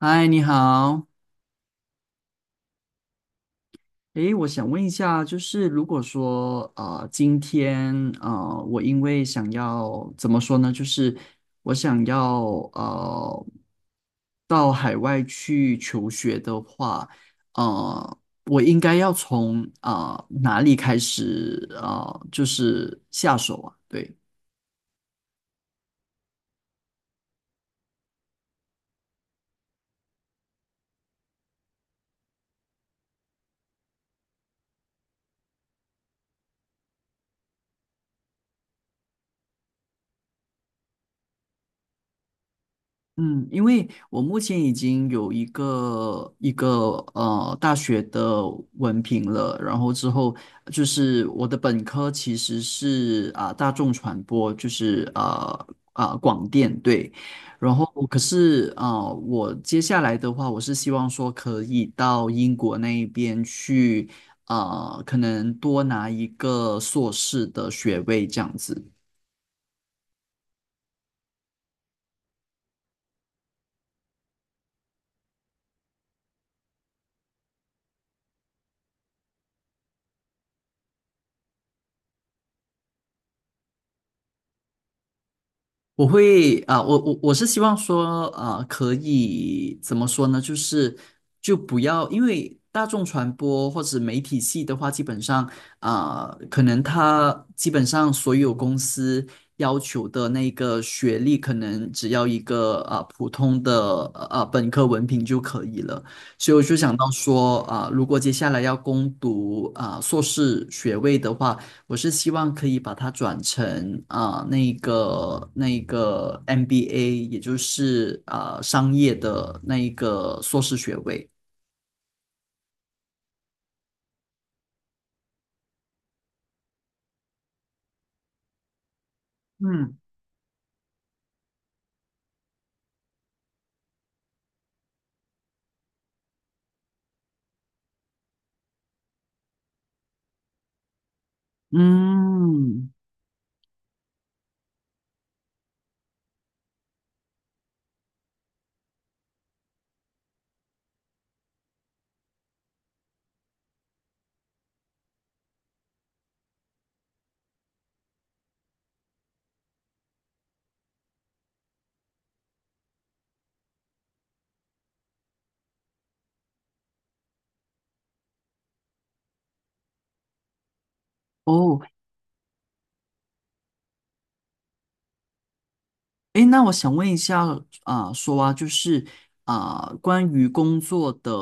嗨，你好。诶，我想问一下，就是如果说啊，今天啊，我因为想要怎么说呢，就是我想要呃，到海外去求学的话，呃，我应该要从啊哪里开始啊？就是下手啊？对。嗯，因为我目前已经有一个大学的文凭了，然后之后就是我的本科其实是啊、大众传播，就是啊、广电对，然后可是啊、我接下来的话，我是希望说可以到英国那一边去啊、可能多拿一个硕士的学位这样子。我会啊、我是希望说啊、可以怎么说呢？就是就不要，因为大众传播或者媒体系的话，基本上啊、可能它基本上所有公司要求的那个学历，可能只要一个啊、普通的啊、本科文凭就可以了。所以我就想到说啊、如果接下来要攻读啊、硕士学位的话，我是希望可以把它转成啊、那个 MBA，也就是啊、商业的那一个硕士学位。嗯嗯，哦，诶，那我想问一下啊、说啊，就是啊、关于工作的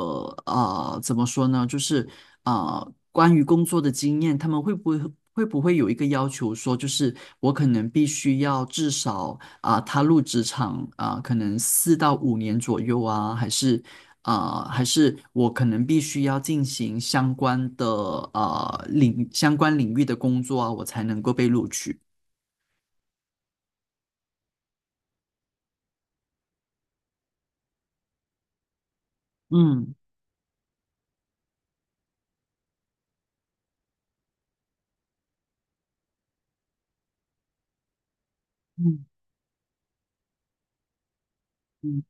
啊、怎么说呢？就是啊、关于工作的经验，他们会不会有一个要求说，就是我可能必须要至少啊、踏入职场啊、可能4到5年左右啊，还是啊、还是我可能必须要进行相关的啊领相关领域的工作啊，我才能够被录取。嗯嗯嗯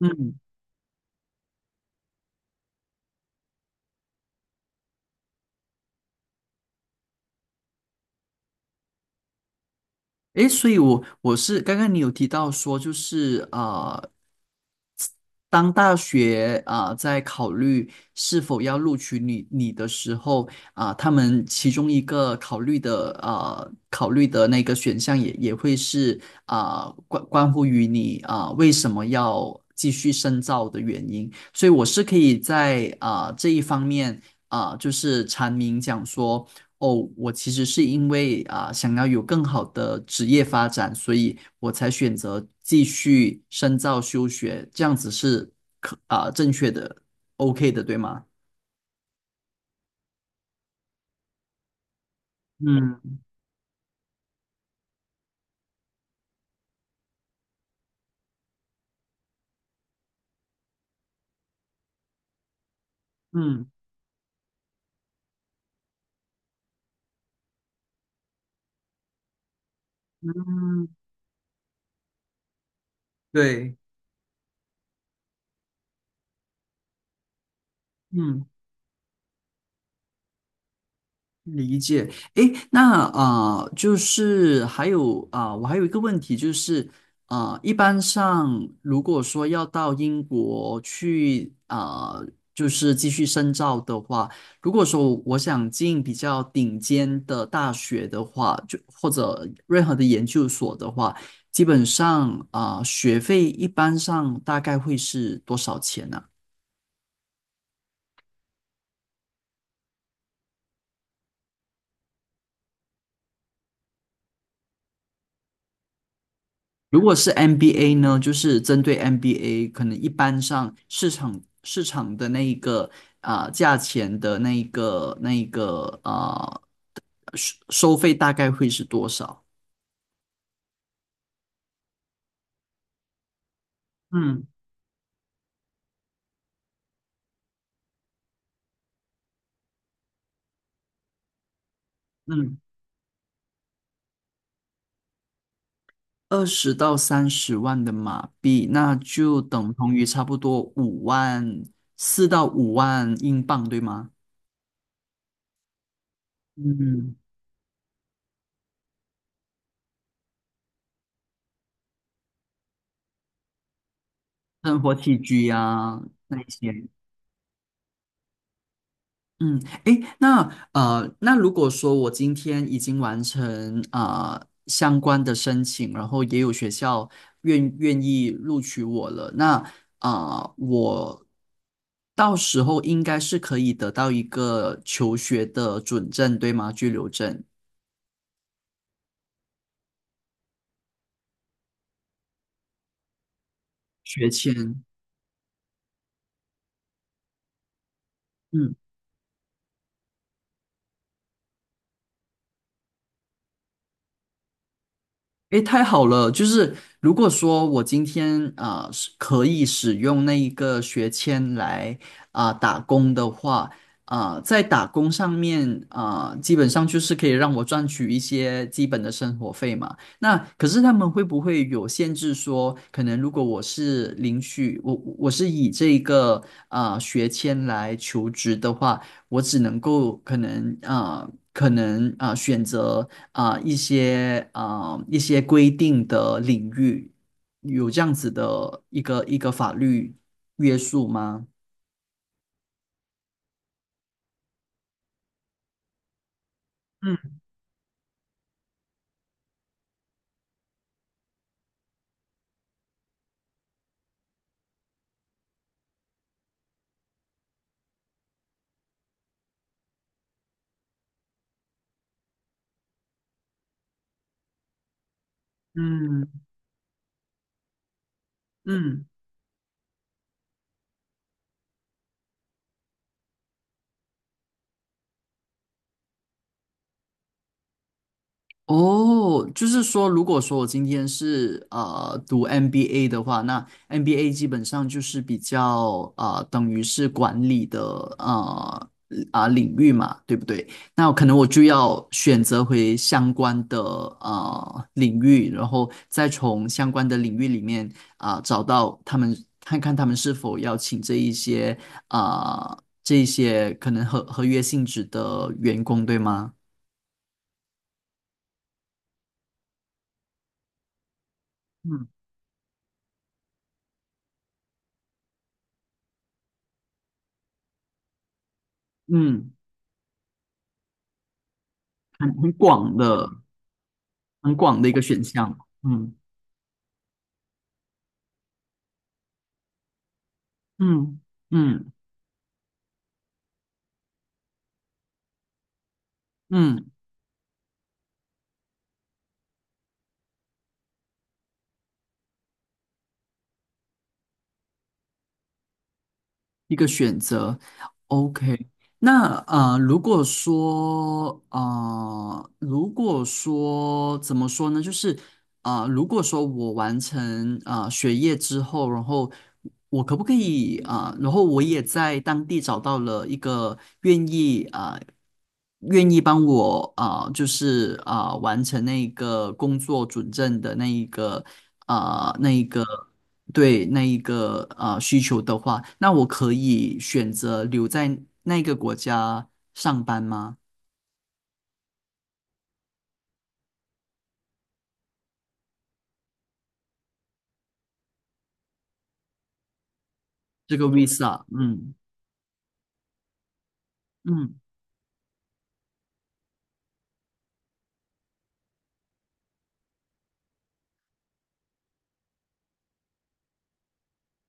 嗯。诶，所以我是刚刚你有提到说，就是啊，当大学啊、在考虑是否要录取你的时候啊、他们其中一个考虑的啊考虑的那个选项也会是啊、关乎于你啊、为什么要继续深造的原因，所以我是可以在啊、这一方面啊、就是阐明讲说。哦，我其实是因为啊、想要有更好的职业发展，所以我才选择继续深造休学，这样子是可啊、正确的，OK 的，对吗？嗯嗯嗯，对，嗯。理解，诶，那啊、就是还有啊、我还有一个问题就是，啊、一般上如果说要到英国去啊、就是继续深造的话，如果说我想进比较顶尖的大学的话，就或者任何的研究所的话，基本上啊、学费一般上大概会是多少钱呢、如果是 MBA 呢，就是针对 MBA，可能一般上市场的那一个啊、价钱的那一个啊、收费大概会是多少？嗯嗯，20到30万的马币，那就等同于差不多五万4到5万英镑，对吗？嗯，生活起居呀、那些，嗯，诶，那那如果说我今天已经完成啊、相关的申请，然后也有学校愿意录取我了，那啊、我到时候应该是可以得到一个求学的准证，对吗？居留证、学签。嗯诶，太好了！就是如果说我今天啊、是可以使用那一个学签来啊、打工的话，啊、在打工上面啊、基本上就是可以让我赚取一些基本的生活费嘛。那可是他们会不会有限制说，可能如果我是领取我是以这个啊、学签来求职的话，我只能够可能选择。啊、一些规定的领域，有这样子的一个法律约束吗？嗯嗯嗯，哦，就是说，如果说我今天是读 MBA 的话，那 MBA 基本上就是比较等于是管理的呃啊、领域嘛，对不对？那可能我就要选择回相关的领域，然后再从相关的领域里面啊、找到他们，看看他们是否要请这一些啊、这一些可能合约性质的员工，对吗？嗯嗯。很很广的、很广的一个选项。嗯嗯嗯嗯，一个选择。OK，那如果说怎么说呢？就是如果说我完成学业之后，然后我可不可以啊、然后我也在当地找到了一个愿意啊、愿意帮我啊、就是啊、完成那个工作准证的那一个啊、那一个。对那一个需求的话，那我可以选择留在那个国家上班吗？这个 visa，嗯嗯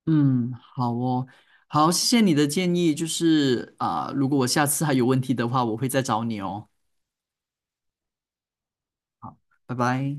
嗯，好哦，好，谢谢你的建议，就是啊、如果我下次还有问题的话，我会再找你哦，拜拜。